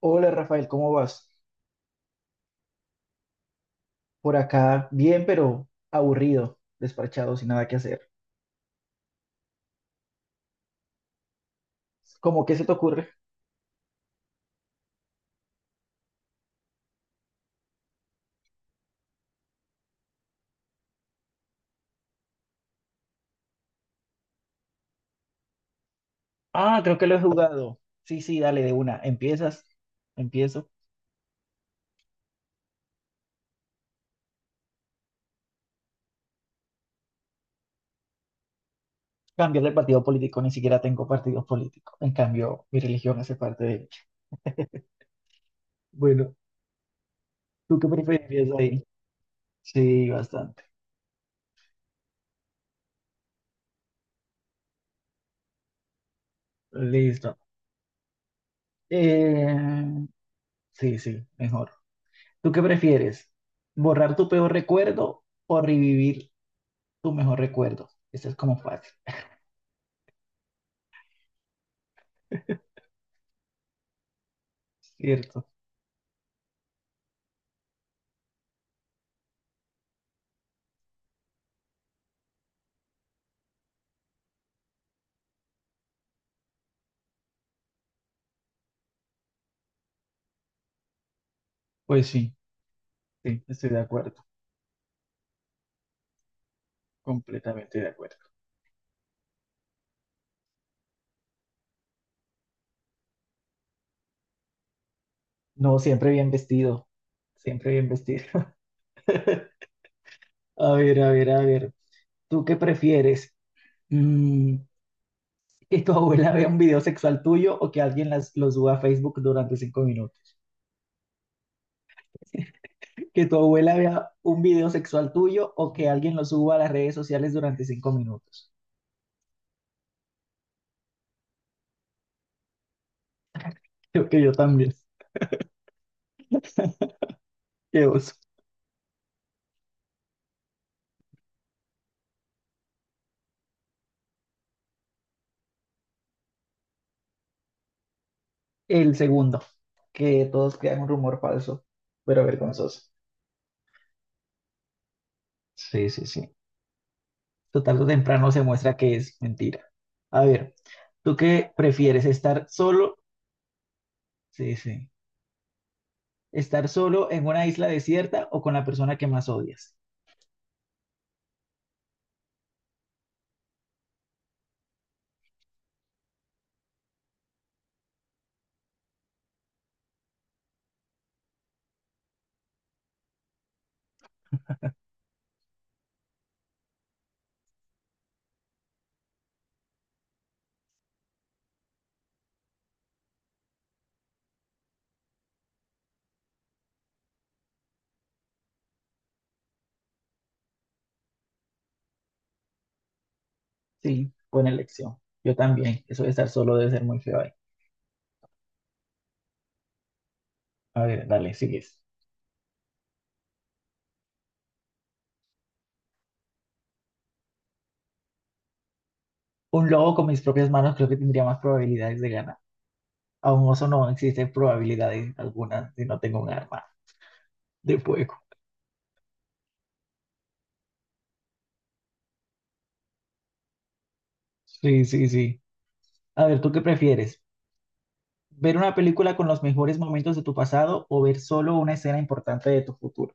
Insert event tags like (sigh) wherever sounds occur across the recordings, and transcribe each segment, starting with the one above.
Hola Rafael, ¿cómo vas? Por acá, bien, pero aburrido, despachado, sin nada que hacer. ¿Cómo que se te ocurre? Ah, creo que lo he jugado. Sí, sí, dale de una. Empiezas, empiezo. Cambiar de partido político, ni siquiera tengo partido político. En cambio, mi religión hace parte de ella. Bueno, ¿tú qué preferirías ahí? Sí, bastante. Listo. Eh, sí, sí, mejor. ¿Tú qué prefieres? ¿Borrar tu peor recuerdo o revivir tu mejor recuerdo? Eso es como fácil, ¿cierto? Pues sí, sí, estoy de acuerdo, completamente de acuerdo. No, siempre bien vestido, siempre bien vestido. (laughs) A ver, a ver, a ver, ¿tú qué prefieres? Mm, ¿que tu abuela vea un video sexual tuyo o que alguien lo suba a Facebook durante 5 minutos? (laughs) ¿Que tu abuela vea un video sexual tuyo o que alguien lo suba a las redes sociales durante 5 minutos? Creo que yo también. (laughs) Qué oso. El segundo, que todos crean un rumor falso, pero vergonzoso. Sí, sí, sí. Total tarde o temprano se muestra que es mentira. A ver, ¿tú qué prefieres? ¿Estar solo? Sí, sí. ¿Estar solo en una isla desierta o con la persona que más odias? Sí, buena elección. Yo también. Eso de estar solo debe ser muy feo ahí. A ver, dale, sigues. Un lobo con mis propias manos creo que tendría más probabilidades de ganar. A un oso no existen probabilidades algunas si no tengo un arma de fuego. Sí, sí, sí. A ver, ¿tú qué prefieres? Ver una película con los mejores momentos de tu pasado o ver solo una escena importante de tu futuro.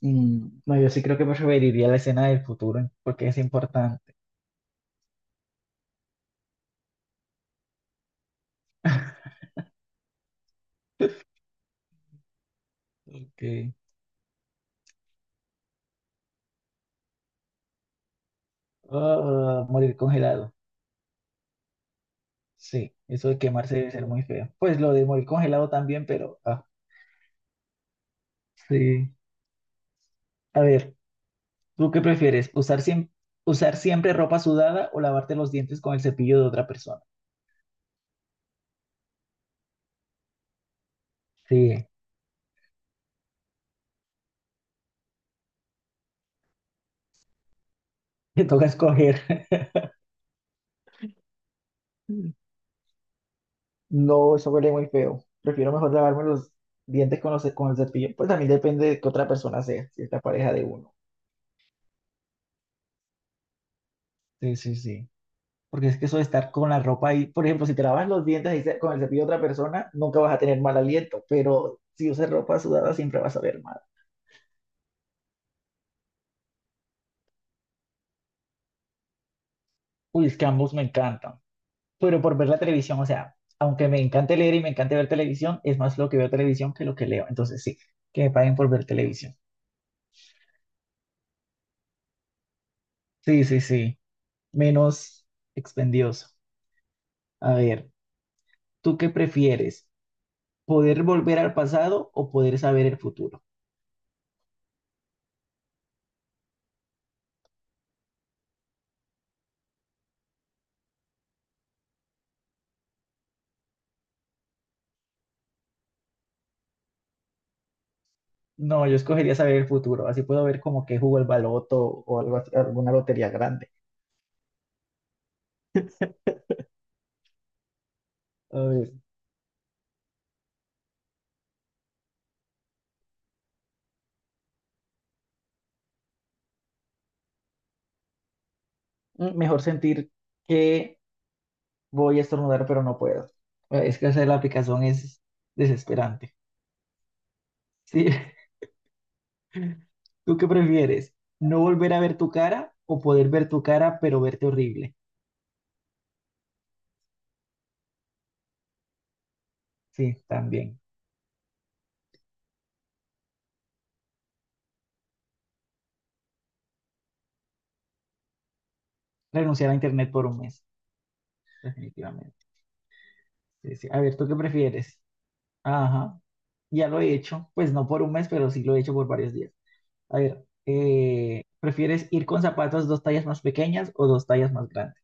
Mm, no, yo sí creo que preferiría la escena del futuro porque es importante. Que, ah, morir congelado. Sí, eso de quemarse debe ser muy feo. Pues lo de morir congelado también, pero ah, sí. A ver, ¿tú qué prefieres? ¿ Usar siempre ropa sudada o lavarte los dientes con el cepillo de otra persona? Sí, (laughs) te toca escoger. (laughs) No, eso huele muy feo. Prefiero mejor lavarme los dientes con, los, con el cepillo. Pues también depende de que otra persona sea, si es la pareja de uno. Sí, sí, sí. Porque es que eso de estar con la ropa ahí, por ejemplo, si te lavas los dientes ahí con el cepillo de otra persona, nunca vas a tener mal aliento, pero si usas ropa sudada siempre vas a ver mal. Uy, es que ambos me encantan. Pero por ver la televisión, o sea, aunque me encante leer y me encante ver televisión, es más lo que veo televisión que lo que leo. Entonces sí, que me paguen por ver televisión. Sí, sí, sí. Menos expendioso. A ver. ¿Tú qué prefieres? ¿Poder volver al pasado o poder saber el futuro? No, yo escogería saber el futuro, así puedo ver como que jugó el baloto o alguna lotería grande. A mm, mejor sentir que voy a estornudar, pero no puedo. Es que hacer la aplicación es desesperante. Sí, (laughs) ¿tú qué prefieres? ¿No volver a ver tu cara o poder ver tu cara, pero verte horrible? Sí, también. Renunciar a internet por un mes, definitivamente. Sí, sí. A ver, ¿tú qué prefieres? Ajá, ya lo he hecho, pues no por un mes, pero sí lo he hecho por varios días. A ver, ¿prefieres ir con zapatos dos tallas más pequeñas o dos tallas más grandes?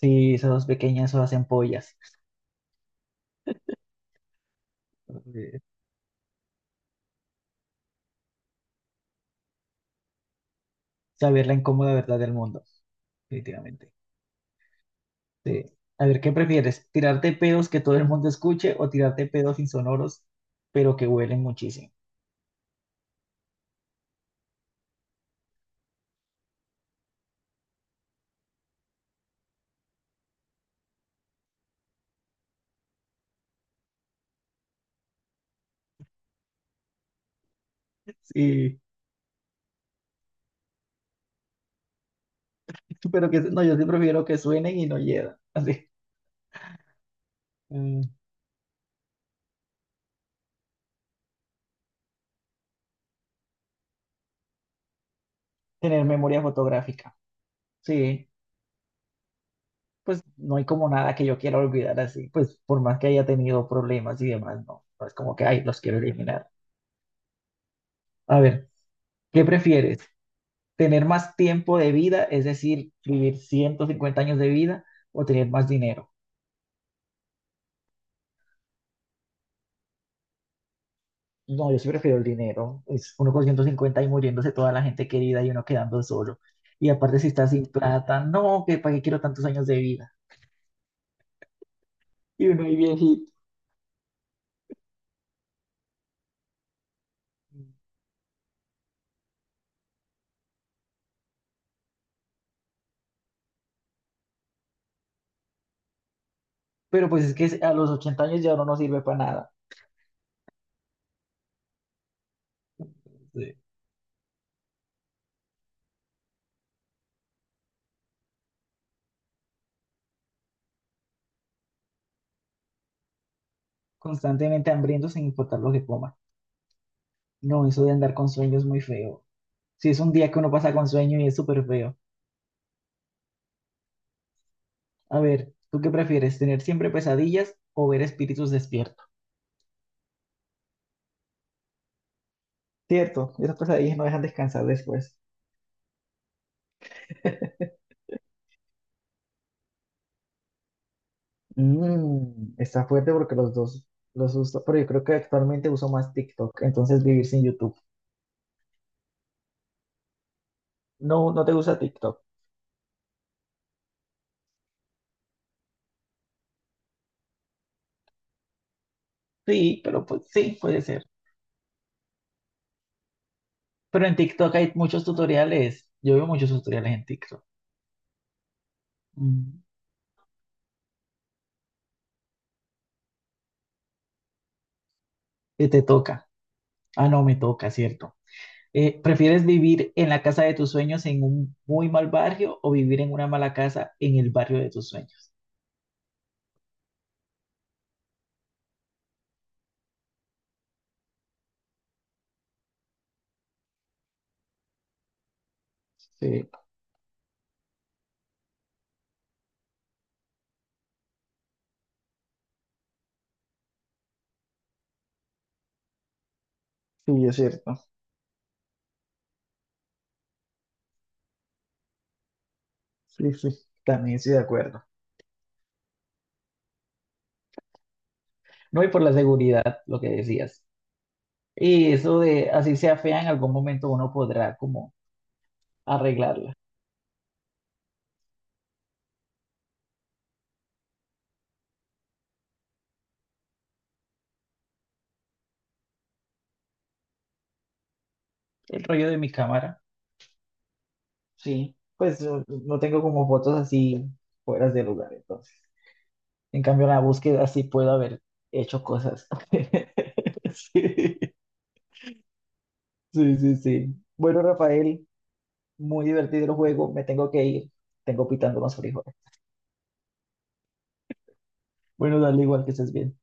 Sí, esas dos pequeñas son hacen pollas. Eh, Saber la incómoda verdad del mundo, definitivamente. Sí. A ver, ¿qué prefieres? ¿Tirarte pedos que todo el mundo escuche o tirarte pedos insonoros, pero que huelen muchísimo? Sí, pero que no, yo sí prefiero que suenen y no hieran. Así. Mm, tener memoria fotográfica. Sí. Pues no hay como nada que yo quiera olvidar así, pues por más que haya tenido problemas y demás, no, no es como que, ay, los quiero eliminar. A ver, ¿qué prefieres? ¿Tener más tiempo de vida, es decir, vivir 150 años de vida o tener más dinero? No, yo sí prefiero el dinero, es uno con 150 y muriéndose toda la gente querida y uno quedando solo. Y aparte si estás sin plata, no, que para qué quiero tantos años de vida. Y uno ahí viejito. Pero pues es que a los 80 años ya uno no sirve para nada. Sí. Constantemente hambriento sin importar lo que coma. No, eso de andar con sueño es muy feo. Si es un día que uno pasa con sueño y es súper feo. A ver, ¿tú qué prefieres? ¿Tener siempre pesadillas o ver espíritus despiertos? Cierto, esas pesadillas no dejan descansar después. (laughs) Mm, está fuerte porque los dos los uso, pero yo creo que actualmente uso más TikTok, entonces vivir sin YouTube. No, no te gusta TikTok. Sí, pero pues sí, puede ser. Pero en TikTok hay muchos tutoriales. Yo veo muchos tutoriales en TikTok. Mm, que te toca. Ah, no, me toca, ¿cierto? ¿Prefieres vivir en la casa de tus sueños en un muy mal barrio o vivir en una mala casa en el barrio de tus sueños? Sí, sí, es cierto. Sí, sí, también estoy de acuerdo. No, y por la seguridad, lo que decías. Y eso de así sea fea, en algún momento uno podrá como arreglarla. El rollo de mi cámara. Sí. Pues yo no tengo como fotos así fuera de lugar, entonces. En cambio, en la búsqueda sí puedo haber hecho cosas. (laughs) Sí. Sí, sí, sí. Bueno, Rafael, muy divertido el juego. Me tengo que ir. Tengo pitando más frijoles. Bueno, dale igual que estés bien.